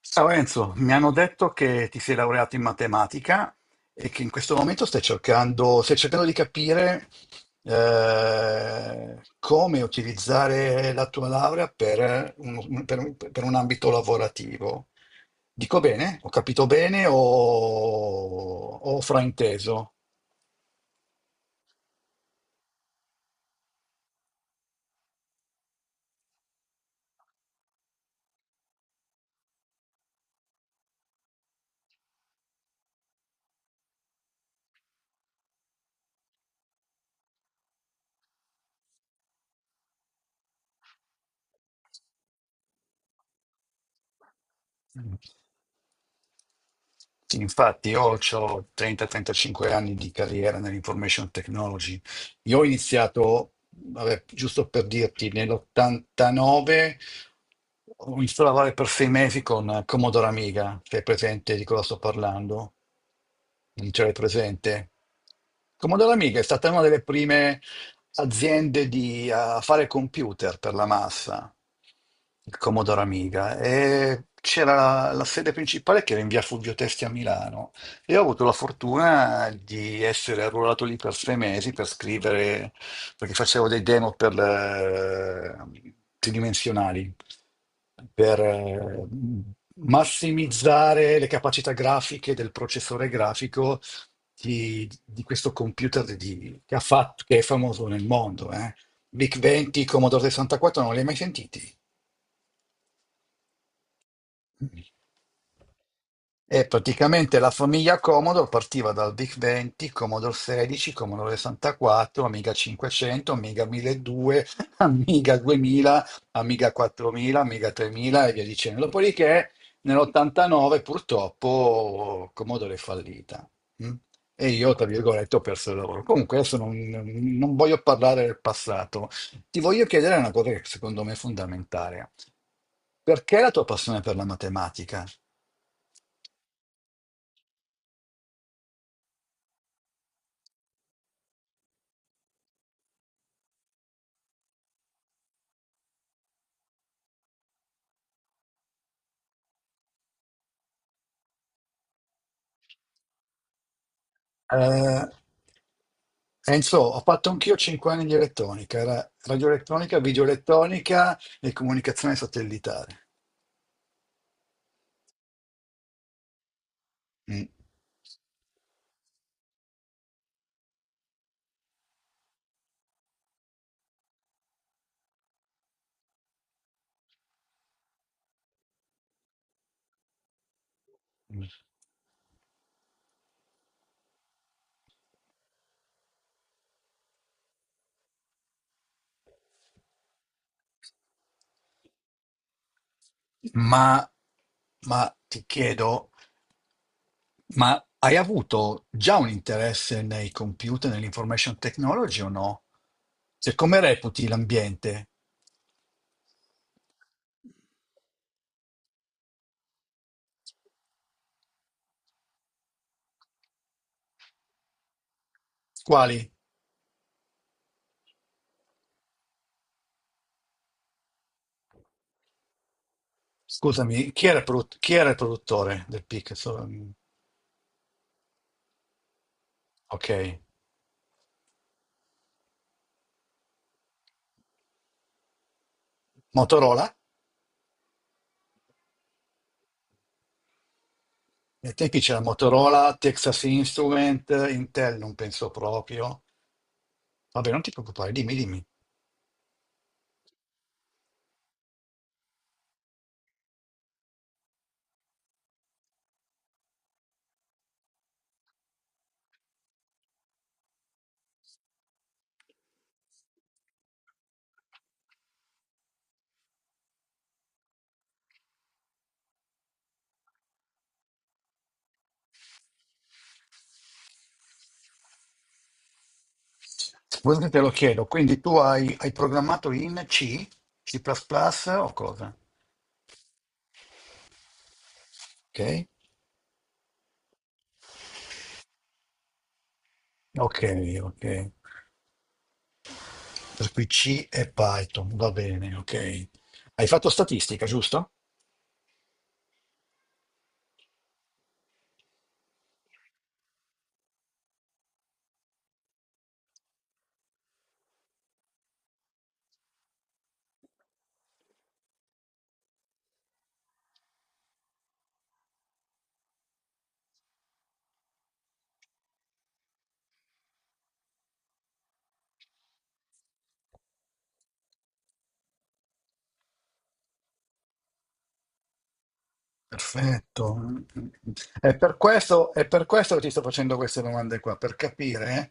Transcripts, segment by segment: Ciao Enzo, mi hanno detto che ti sei laureato in matematica e che in questo momento stai cercando di capire, come utilizzare la tua laurea per un ambito lavorativo. Dico bene? Ho capito bene o ho frainteso? Sì, infatti, io ho 30-35 anni di carriera nell'information technology. Io ho iniziato, vabbè, giusto per dirti, nell'89 ho iniziato a lavorare per 6 mesi con Commodore Amiga, se è presente di cosa sto parlando. Non ce l'hai presente? Commodore Amiga è stata una delle prime aziende di, fare computer per la massa, il Commodore Amiga, e c'era la sede principale che era in via Fulvio Testi a Milano, e ho avuto la fortuna di essere arruolato lì per 6 mesi per scrivere, perché facevo dei demo tridimensionali, per, massimizzare le capacità grafiche del processore grafico di questo computer che è famoso nel mondo. Eh? VIC-20, Commodore 64, non li hai mai sentiti? E praticamente la famiglia Commodore partiva dal VIC 20, Commodore 16, Commodore 64, Amiga 500, Amiga 1200, Amiga 2000, Amiga 4000, Amiga 3000 e via dicendo. Dopodiché nell'89 purtroppo Commodore è fallita. Mm? E io, tra virgolette, ho perso il lavoro. Comunque adesso non voglio parlare del passato. Ti voglio chiedere una cosa che secondo me è fondamentale. Perché la tua passione per la matematica? Eh, Enzo, ho fatto anch'io 5 anni di elettronica, era radioelettronica, videoelettronica e comunicazione satellitare. Mm. Ma, ma ti chiedo, ma hai avuto già un interesse nei computer, nell'information technology o no? Cioè, come reputi l'ambiente? Quali? Scusami, chi era il produttore del PIC? Ok, Motorola? Nei tempi c'era Motorola, Texas Instrument, Intel non penso proprio. Vabbè, non ti preoccupare, dimmi, dimmi. Guarda che te lo chiedo, quindi tu hai programmato in C, C++ o cosa? Ok? Ok, ok. Per cui C e Python, va bene, ok. Hai fatto statistica, giusto? Perfetto. È per questo che ti sto facendo queste domande qua, per capire,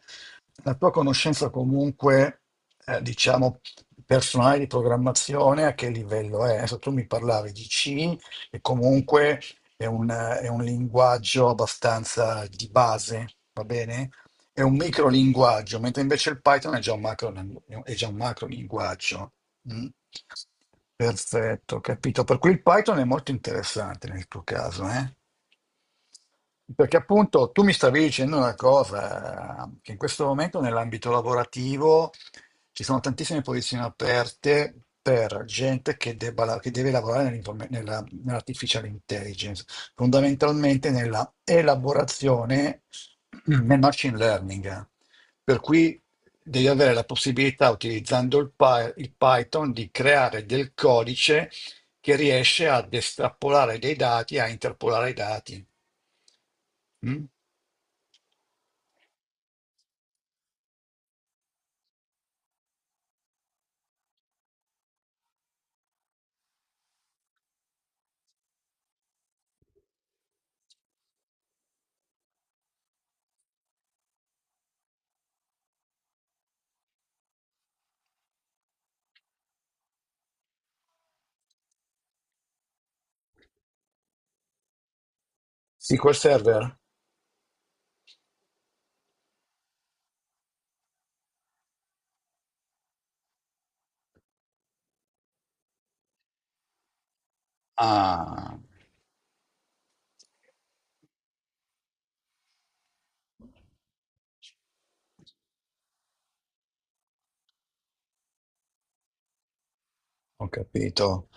la tua conoscenza comunque, diciamo, personale di programmazione, a che livello è. Adesso tu mi parlavi di C, e comunque è un linguaggio abbastanza di base, va bene? È un micro linguaggio, mentre invece il Python è già un macro, è già un macro linguaggio. Mm. Perfetto, capito. Per cui il Python è molto interessante nel tuo caso, eh? Perché appunto tu mi stavi dicendo una cosa, che in questo momento nell'ambito lavorativo ci sono tantissime posizioni aperte per gente che, che deve lavorare nell'artificial intelligence, fondamentalmente nella elaborazione, nel machine learning. Per cui devi avere la possibilità, utilizzando il Python, di creare del codice che riesce ad estrapolare dei dati, a interpolare i dati. Mm? SQL Server? Ah, ho capito.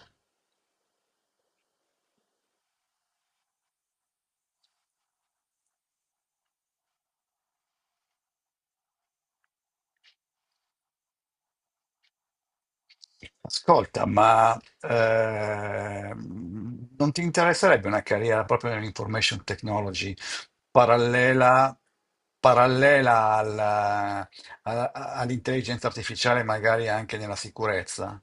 Ascolta, ma non ti interesserebbe una carriera proprio nell'information technology parallela, parallela alla- all'intelligenza artificiale, magari anche nella sicurezza?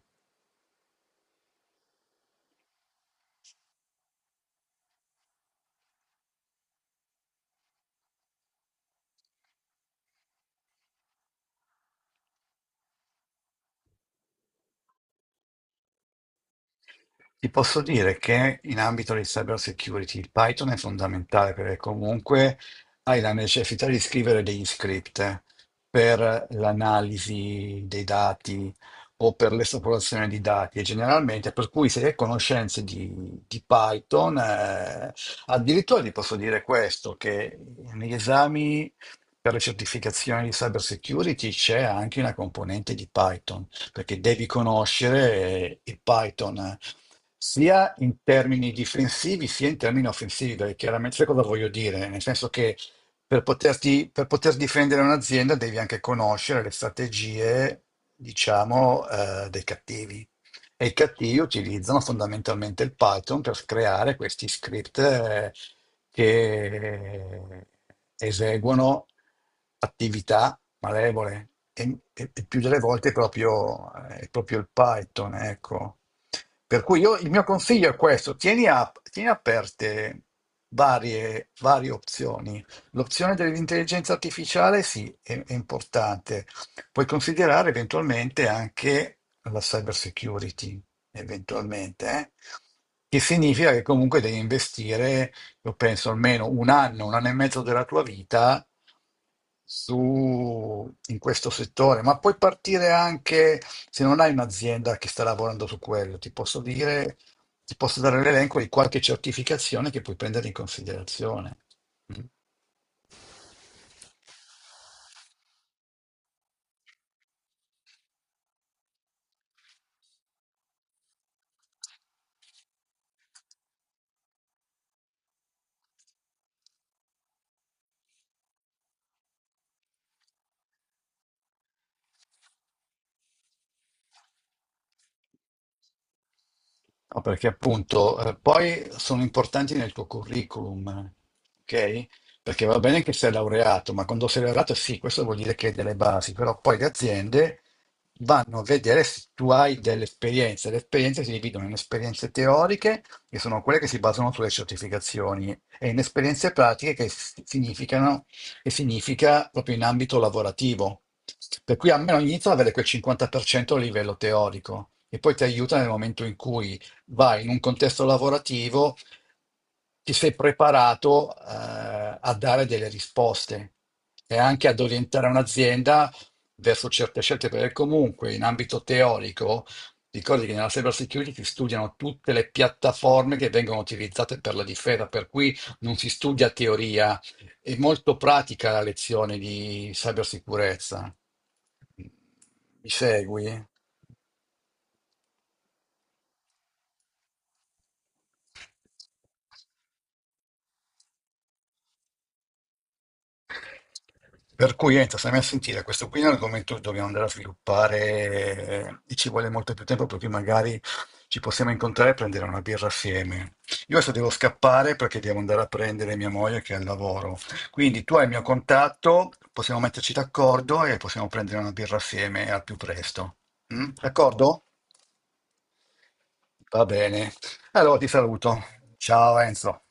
Ti posso dire che in ambito di cyber security il Python è fondamentale perché comunque hai la necessità di scrivere degli script per l'analisi dei dati o per l'esplorazione di dati, e generalmente per cui se hai conoscenze di Python, addirittura ti posso dire questo, che negli esami per le certificazioni di cyber security c'è anche una componente di Python, perché devi conoscere, il Python, sia in termini difensivi sia in termini offensivi, perché chiaramente sai cosa voglio dire? Nel senso che per poter difendere un'azienda devi anche conoscere le strategie, diciamo, dei cattivi. E i cattivi utilizzano fondamentalmente il Python per creare questi script che eseguono attività malevole e più delle volte è proprio il Python, ecco. Per cui io, il mio consiglio è questo: tieni, tieni aperte varie opzioni. L'opzione dell'intelligenza artificiale sì, è importante. Puoi considerare eventualmente anche la cyber security, eventualmente, eh? Che significa che comunque devi investire, io penso, almeno un anno e mezzo della tua vita su, in questo settore, ma puoi partire anche se non hai un'azienda che sta lavorando su quello. Ti posso dire, ti posso dare l'elenco di qualche certificazione che puoi prendere in considerazione. Mm? No, perché appunto, poi sono importanti nel tuo curriculum, ok? Perché va bene che sei laureato, ma quando sei laureato sì, questo vuol dire che hai delle basi, però poi le aziende vanno a vedere se tu hai delle esperienze. Le esperienze si dividono in esperienze teoriche, che sono quelle che si basano sulle certificazioni, e in esperienze pratiche che significano, che significa proprio in ambito lavorativo. Per cui almeno inizio ad avere quel 50% a livello teorico, e poi ti aiuta nel momento in cui vai in un contesto lavorativo, ti sei preparato, a dare delle risposte e anche ad orientare un'azienda verso certe scelte, perché comunque in ambito teorico, ricordi che nella cyber security si studiano tutte le piattaforme che vengono utilizzate per la difesa, per cui non si studia teoria, è molto pratica la lezione di cybersicurezza. Mi segui? Per cui, niente, stiamo a sentire, questo qui è un argomento che dobbiamo andare a sviluppare, e ci vuole molto più tempo, per cui magari ci possiamo incontrare e prendere una birra assieme. Io adesso devo scappare perché devo andare a prendere mia moglie che è al lavoro. Quindi tu hai il mio contatto, possiamo metterci d'accordo e possiamo prendere una birra assieme al più presto. Mm? D'accordo? Va bene. Allora ti saluto. Ciao Enzo.